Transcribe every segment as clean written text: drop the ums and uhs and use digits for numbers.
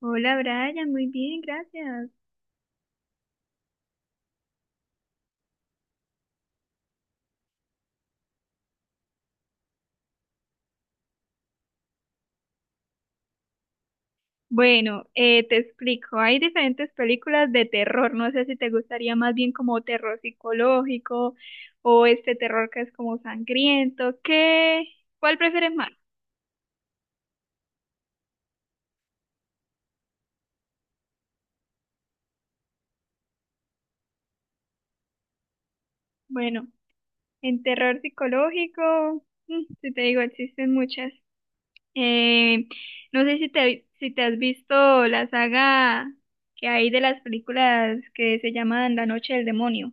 Hola Brian, muy bien, gracias. Bueno, te explico, hay diferentes películas de terror, no sé si te gustaría más bien como terror psicológico o este terror que es como sangriento, ¿qué? ¿Cuál prefieres más? Bueno, en terror psicológico, mm, si te digo, existen muchas. Eh, no sé si te, si te has visto la saga que hay de las películas que se llaman La Noche del Demonio.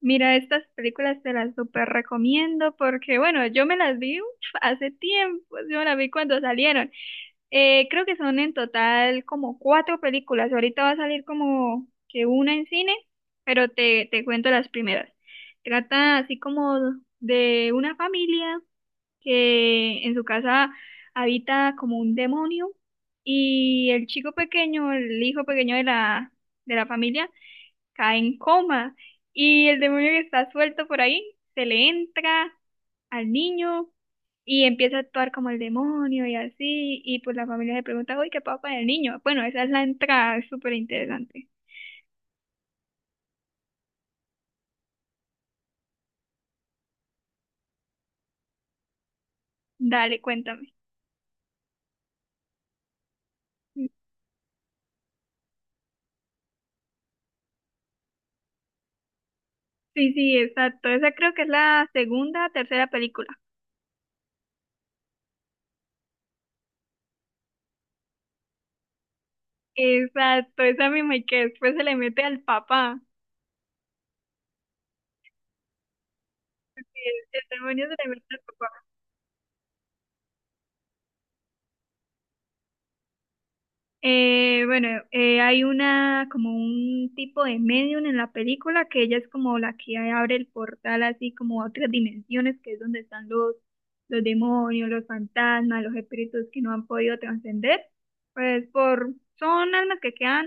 Mira, estas películas te las súper recomiendo porque, bueno, yo me las vi uf, hace tiempo, yo me las vi cuando salieron. Creo que son en total como cuatro películas. Ahorita va a salir como que una en cine, pero te cuento las primeras. Trata así como de una familia que en su casa habita como un demonio y el chico pequeño, el hijo pequeño de la familia, cae en coma y el demonio que está suelto por ahí se le entra al niño y empieza a actuar como el demonio y así y pues la familia se pregunta, uy, ¿qué pasa con el niño? Bueno, esa es la entrada, es súper interesante. Dale, cuéntame. Sí, sí, exacto. Esa creo que es la segunda, tercera película. Exacto, esa misma y que después se le mete al papá. El demonio se le mete al papá. Bueno, hay una, como un tipo de medium en la película que ella es como la que abre el portal así como a otras dimensiones, que es donde están los demonios, los fantasmas, los espíritus que no han podido trascender. Pues por, son almas que quedan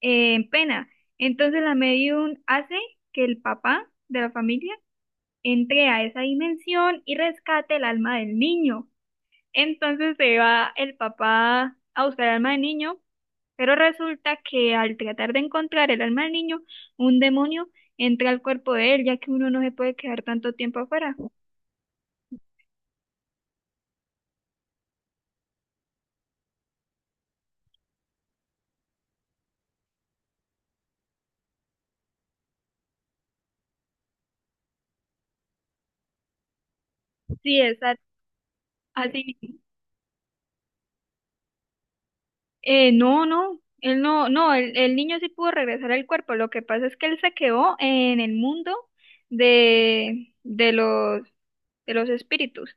en pena. Entonces la medium hace que el papá de la familia entre a esa dimensión y rescate el alma del niño. Entonces se va el papá a buscar el alma del niño, pero resulta que al tratar de encontrar el alma del niño, un demonio entra al cuerpo de él, ya que uno no se puede quedar tanto tiempo afuera. Sí, así mismo. No, no. Él no, no, el niño sí pudo regresar al cuerpo. Lo que pasa es que él se quedó en el mundo de, de los espíritus.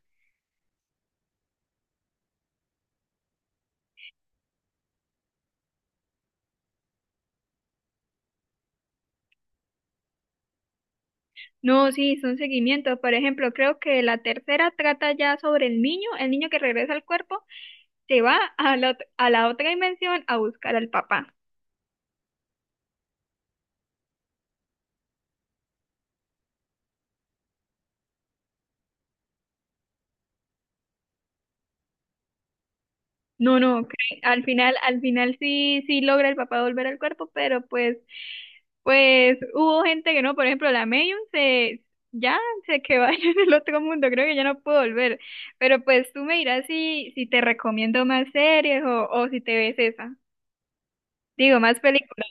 No, sí, son seguimientos. Por ejemplo, creo que la tercera trata ya sobre el niño que regresa al cuerpo, se va a la, a la otra dimensión a buscar al papá. No, no, al final sí, sí logra el papá volver al cuerpo, pero pues, pues hubo gente que no, por ejemplo, ya se quedó allá en el otro mundo, creo que ya no puedo volver. Pero pues tú me dirás si, si te recomiendo más series o si te ves esa. Digo, más películas.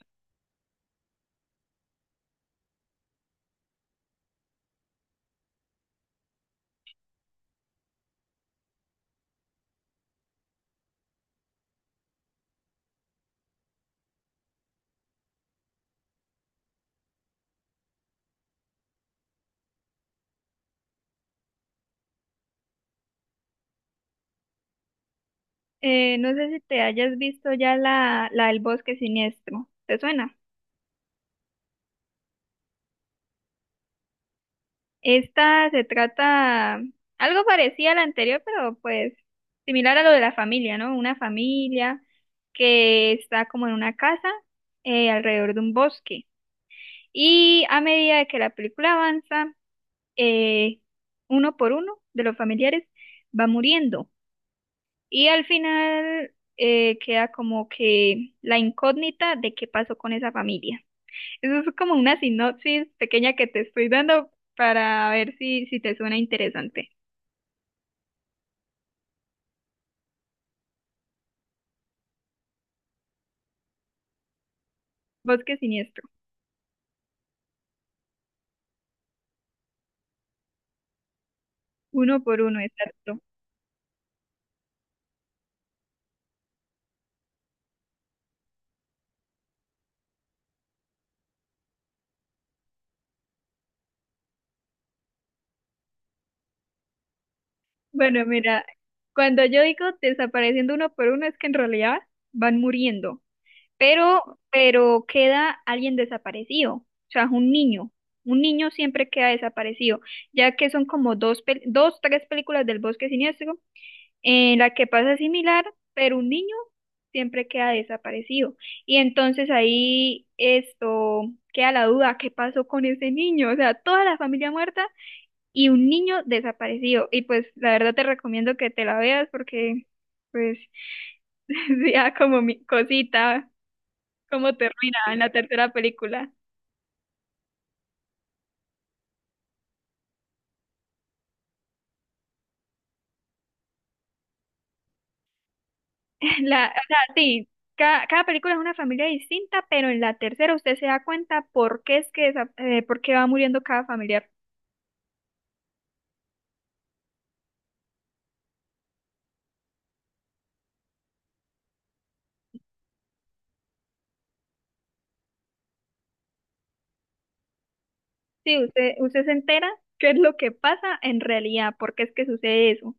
No sé si te hayas visto ya la del bosque siniestro. ¿Te suena? Esta se trata algo parecida a la anterior, pero pues similar a lo de la familia, ¿no? Una familia que está como en una casa alrededor de un bosque. Y a medida de que la película avanza, eh, uno por uno de los familiares va muriendo. Y al final queda como que la incógnita de qué pasó con esa familia. Eso es como una sinopsis pequeña que te estoy dando para ver si, si te suena interesante. Bosque siniestro, uno por uno, exacto. Bueno, mira, cuando yo digo desapareciendo uno por uno, es que en realidad van muriendo, pero queda alguien desaparecido, o sea, un niño. Un niño siempre queda desaparecido, ya que son como dos, dos, tres películas del Bosque Siniestro en la que pasa similar, pero un niño siempre queda desaparecido. Y entonces ahí esto queda la duda, ¿qué pasó con ese niño? O sea, toda la familia muerta y un niño desaparecido. Y pues la verdad te recomiendo que te la veas porque pues ya como mi cosita, cómo termina en la tercera película. La, o sea, sí. Cada, cada película es una familia distinta, pero en la tercera usted se da cuenta por qué es que, por qué va muriendo cada familiar. Sí, usted, usted se entera qué es lo que pasa en realidad, por qué es que sucede eso.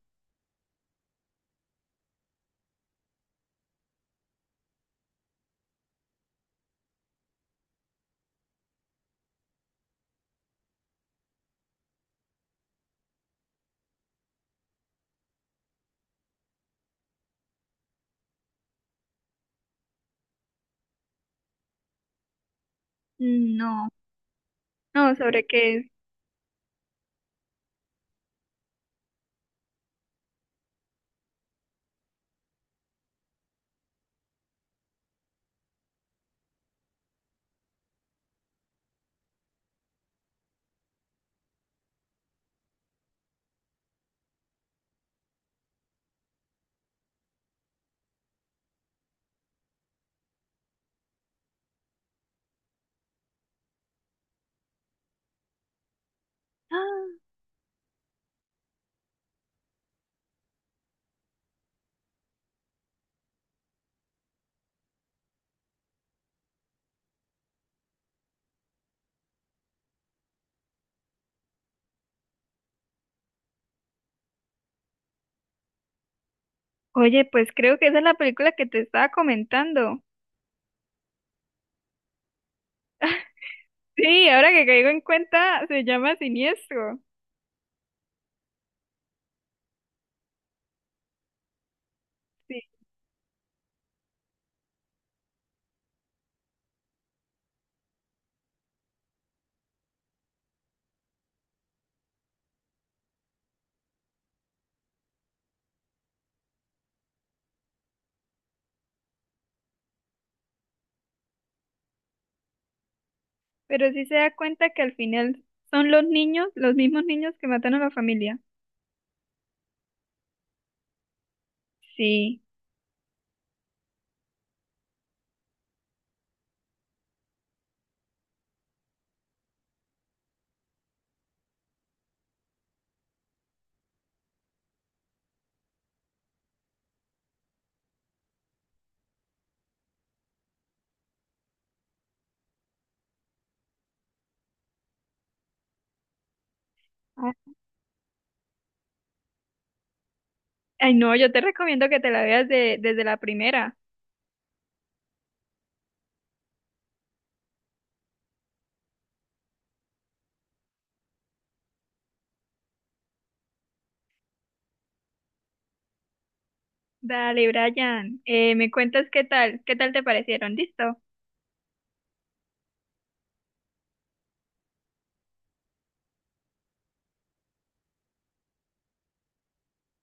Mm, no, no, sobre qué es. ¡Ah! Oye, pues creo que esa es la película que te estaba comentando. Sí, ahora que caigo en cuenta, se llama Siniestro. Sí, pero sí se da cuenta que al final son los niños, los mismos niños que matan a la familia. Sí. Ah, ay, no, yo te recomiendo que te la veas desde la primera. Dale, Brian, me cuentas qué tal te parecieron, ¿listo?